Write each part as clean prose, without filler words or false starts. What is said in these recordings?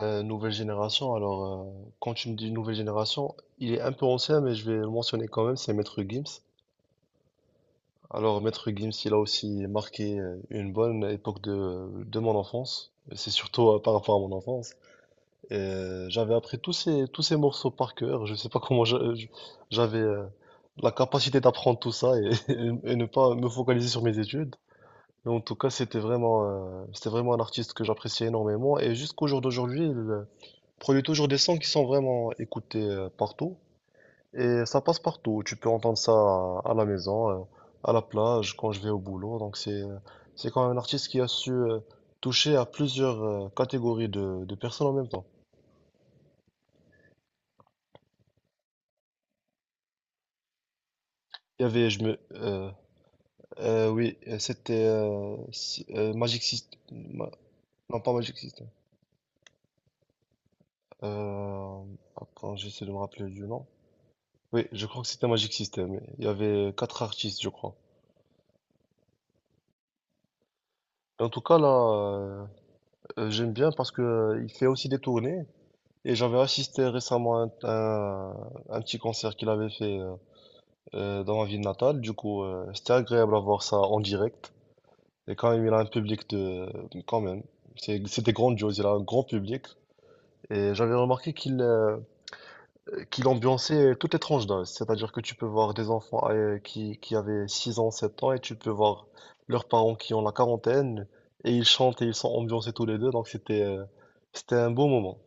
Nouvelle génération, alors quand tu me dis nouvelle génération, il est un peu ancien, mais je vais le mentionner quand même, c'est Maître Gims. Alors Maître Gims, il a aussi marqué une bonne époque de mon enfance, c'est surtout par rapport à mon enfance. J'avais appris tous ces morceaux par cœur, je sais pas comment j'avais la capacité d'apprendre tout ça et, et ne pas me focaliser sur mes études. Mais en tout cas, c'était vraiment un artiste que j'appréciais énormément et jusqu'au jour d'aujourd'hui, il produit toujours des sons qui sont vraiment écoutés partout et ça passe partout. Tu peux entendre ça à la maison, à la plage, quand je vais au boulot. Donc c'est c'est quand même un artiste qui a su toucher à plusieurs catégories de personnes en même temps. Il y avait, je me, oui, c'était si- Magic System, non, pas Magic System. Euh, attends, j'essaie de me rappeler du nom. Oui, je crois que c'était Magic System. Il y avait quatre artistes, je crois. En tout cas, j'aime bien parce que il fait aussi des tournées et j'avais assisté récemment à un petit concert qu'il avait fait dans ma ville natale. Du coup, c'était agréable à voir ça en direct. Et quand même, il a un public de, quand même, c'est- c'était grandiose. Il a un grand public et j'avais remarqué qu'il ambiançait toutes les tranches d'âge. C'est-à-dire que tu peux voir des enfants qui avaient 6 ans, 7 ans, et tu peux voir leurs parents qui ont la quarantaine et ils chantent et ils sont ambiancés tous les deux. Donc c'était c'était un beau moment.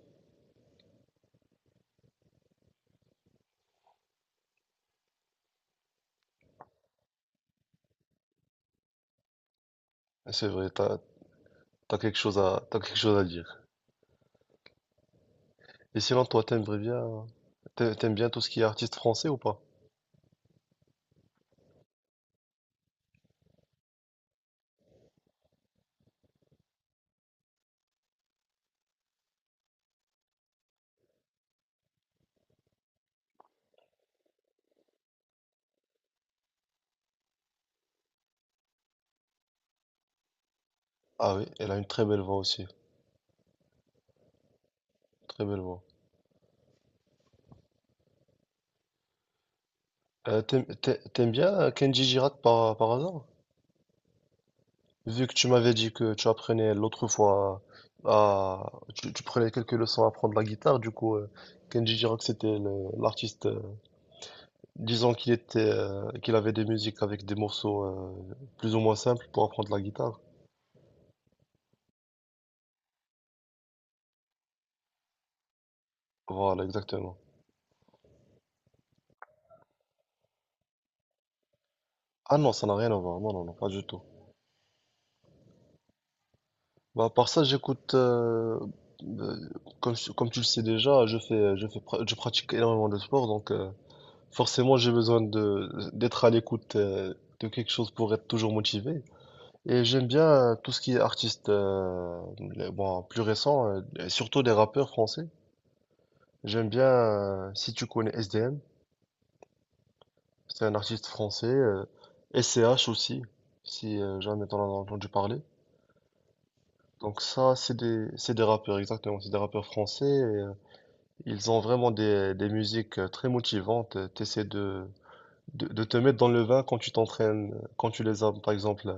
Ah, c'est vrai, t'as quelque chose t'as quelque chose à dire. Et sinon, toi, t'aimes bien tout ce qui est artiste français ou pas? Ah oui, elle a une très belle voix aussi, très belle voix. T'aimes bien Kenji Girac par hasard? Vu que tu m'avais dit que tu apprenais l'autre fois tu prenais quelques leçons à apprendre la guitare. Du coup, Kenji Girac, c'était l'artiste, disons qu'il était, qu'il avait des musiques avec des morceaux, plus ou moins simples pour apprendre la guitare. Voilà, exactement. Ah non, ça n'a rien à voir, non, non, non, pas du tout. Bah, à part ça, j'écoute, euh, comme tu le sais déjà, je pratique énormément de sport, donc forcément j'ai besoin d'être à l'écoute de quelque chose pour être toujours motivé. Et j'aime bien tout ce qui est artiste, bon, plus récent, et surtout des rappeurs français. J'aime bien, si tu connais S D M, c'est un artiste français, S C H aussi, si jamais t'en as entendu parler. Donc ça, c'est des rappeurs, exactement, c'est des rappeurs français. Ils ont vraiment des musiques très motivantes. T'essaies de te mettre dans le vin quand tu t'entraînes, quand tu les as, par exemple,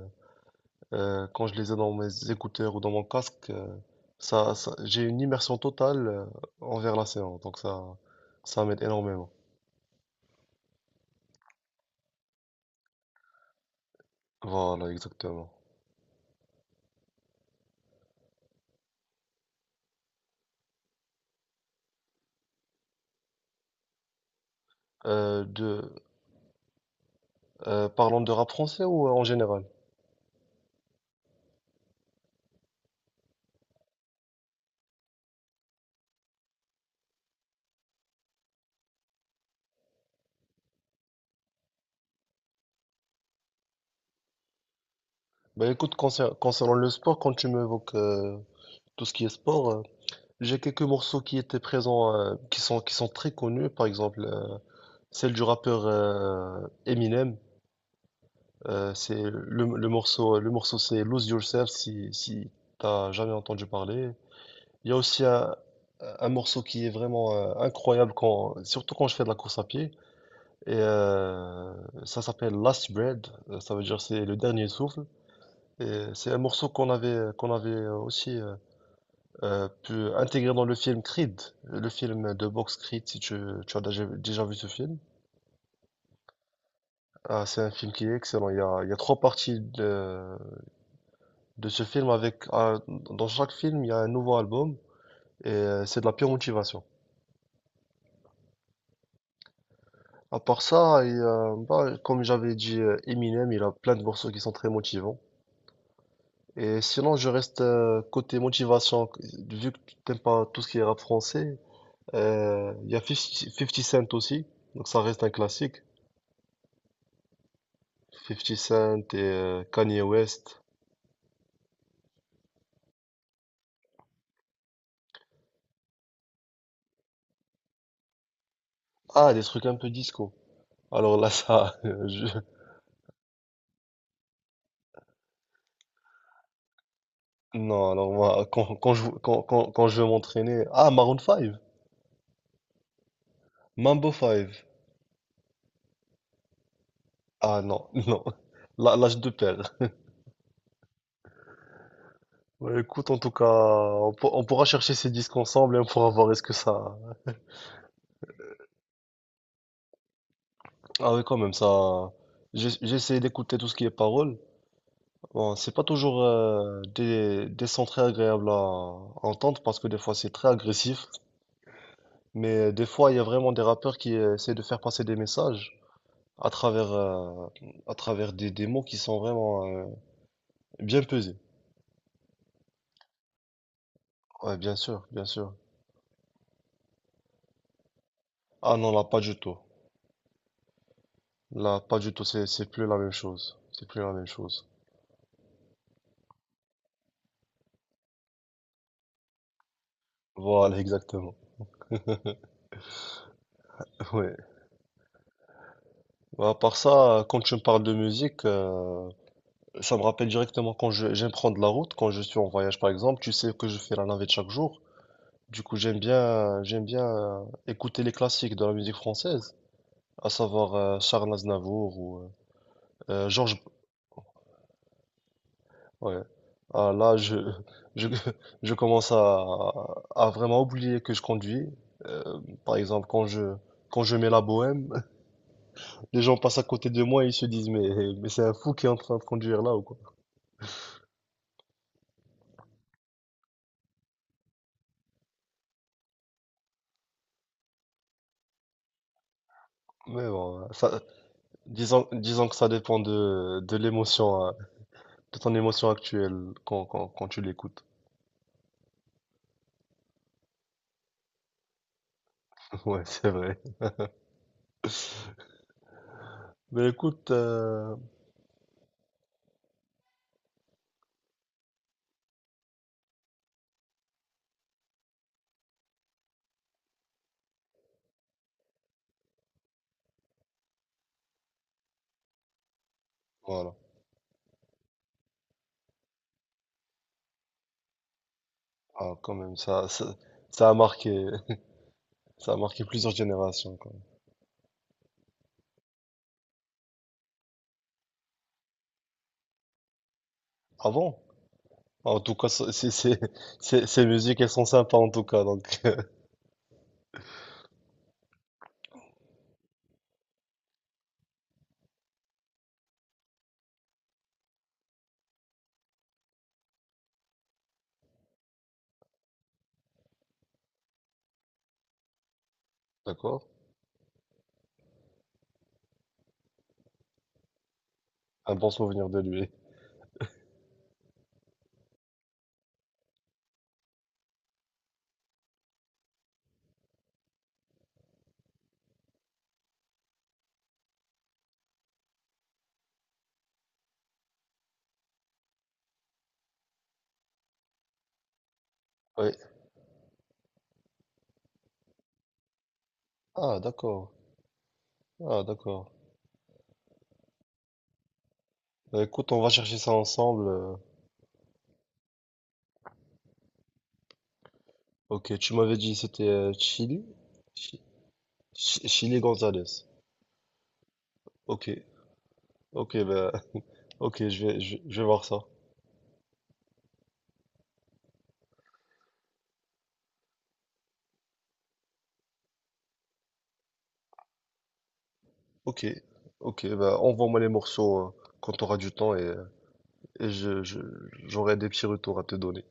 quand je les ai dans mes écouteurs ou dans mon casque, j'ai une immersion totale envers la séance. Donc ça m'aide énormément. Voilà, exactement. Euh, de, parlons de rap français ou en général? Bah écoute, concernant le sport, quand tu m'évoques tout ce qui est sport, j'ai quelques morceaux qui étaient présents, qui sont très connus, par exemple. Celle du rappeur Eminem, c'est le morceau c'est Lose Yourself, si t'as jamais entendu parler. Il y a aussi un morceau qui est vraiment incroyable quand, surtout quand je fais de la course à pied. Et ça s'appelle Last Breath. Ça veut dire c'est le dernier souffle. Et c'est un morceau qu'on avait aussi pu intégrer dans le film Creed, le film de boxe Creed, si tu as déjà vu ce film. Ah, c'est un film qui est excellent. Il y a trois parties de ce film avec, dans chaque film, il y a un nouveau album et c'est de la pure motivation. À part ça, bah, comme j'avais dit, Eminem, il a plein de morceaux qui sont très motivants. Et sinon, je reste côté motivation, vu que tu n'aimes pas tout ce qui est rap français. Il y a Fifty Cent aussi, donc ça reste un classique. Fifty Cent et Kanye West. Ah, des trucs un peu disco. Alors là, ça, je, non, alors moi, quand je veux m'entraîner. Ah, Maroon 5, Mambo 5. Ah non, non. Là, je te perds. Ouais, écoute, en tout cas, on pourra chercher ces disques ensemble et on pourra voir est-ce que ça. Ah oui, quand même, ça. J'ess- J'essaie d'écouter tout ce qui est paroles. Bon, c'est pas toujours des sons très agréables à entendre parce que des fois c'est très agressif. Mais des fois, il y a vraiment des rappeurs qui essaient de faire passer des messages à travers, euh, à travers des mots qui sont vraiment. Bien pesé. Ouais, bien sûr, bien sûr. Ah non, là, pas du tout. Là, pas du tout, c'est plus la même chose. C'est plus la même chose. Voilà, exactement. Ouais. Bah, à part ça, quand tu me parles de musique, ça me rappelle directement quand j'aime prendre la route, quand je suis en voyage, par exemple. Tu sais que je fais la navette chaque jour. Du coup, j'aime bien écouter les classiques de la musique française, à savoir Charles Aznavour ou Georges. Ouais. Ah, je, je commence à vraiment oublier que je conduis. Par exemple, quand je mets la bohème, les gens passent à côté de moi et ils se disent, mais c'est un fou qui est en train de conduire là ou quoi. Mais bon, ça, disons que ça dépend de l'émotion, hein, de ton émotion actuelle quand tu l'écoutes. Ouais, c'est vrai. Mais écoute, voilà. Ah, quand même, ça a marqué, ça a marqué plusieurs générations, quoi. Avant, en tout cas, ces musiques, elles sont sympas en tout cas. Donc, d'accord. Un bon souvenir de lui. Oui. Ah, d'accord. Ah, d'accord. Bah, écoute, on va chercher ça ensemble. Ok, tu m'avais dit c'était Chili? Chi- Chili Gonzalez. Ok. Ok, bah, ok, je vais voir ça. Ok. Ok, bah, envoie-moi les morceaux quand tu auras du temps et j'aurai des petits retours à te donner.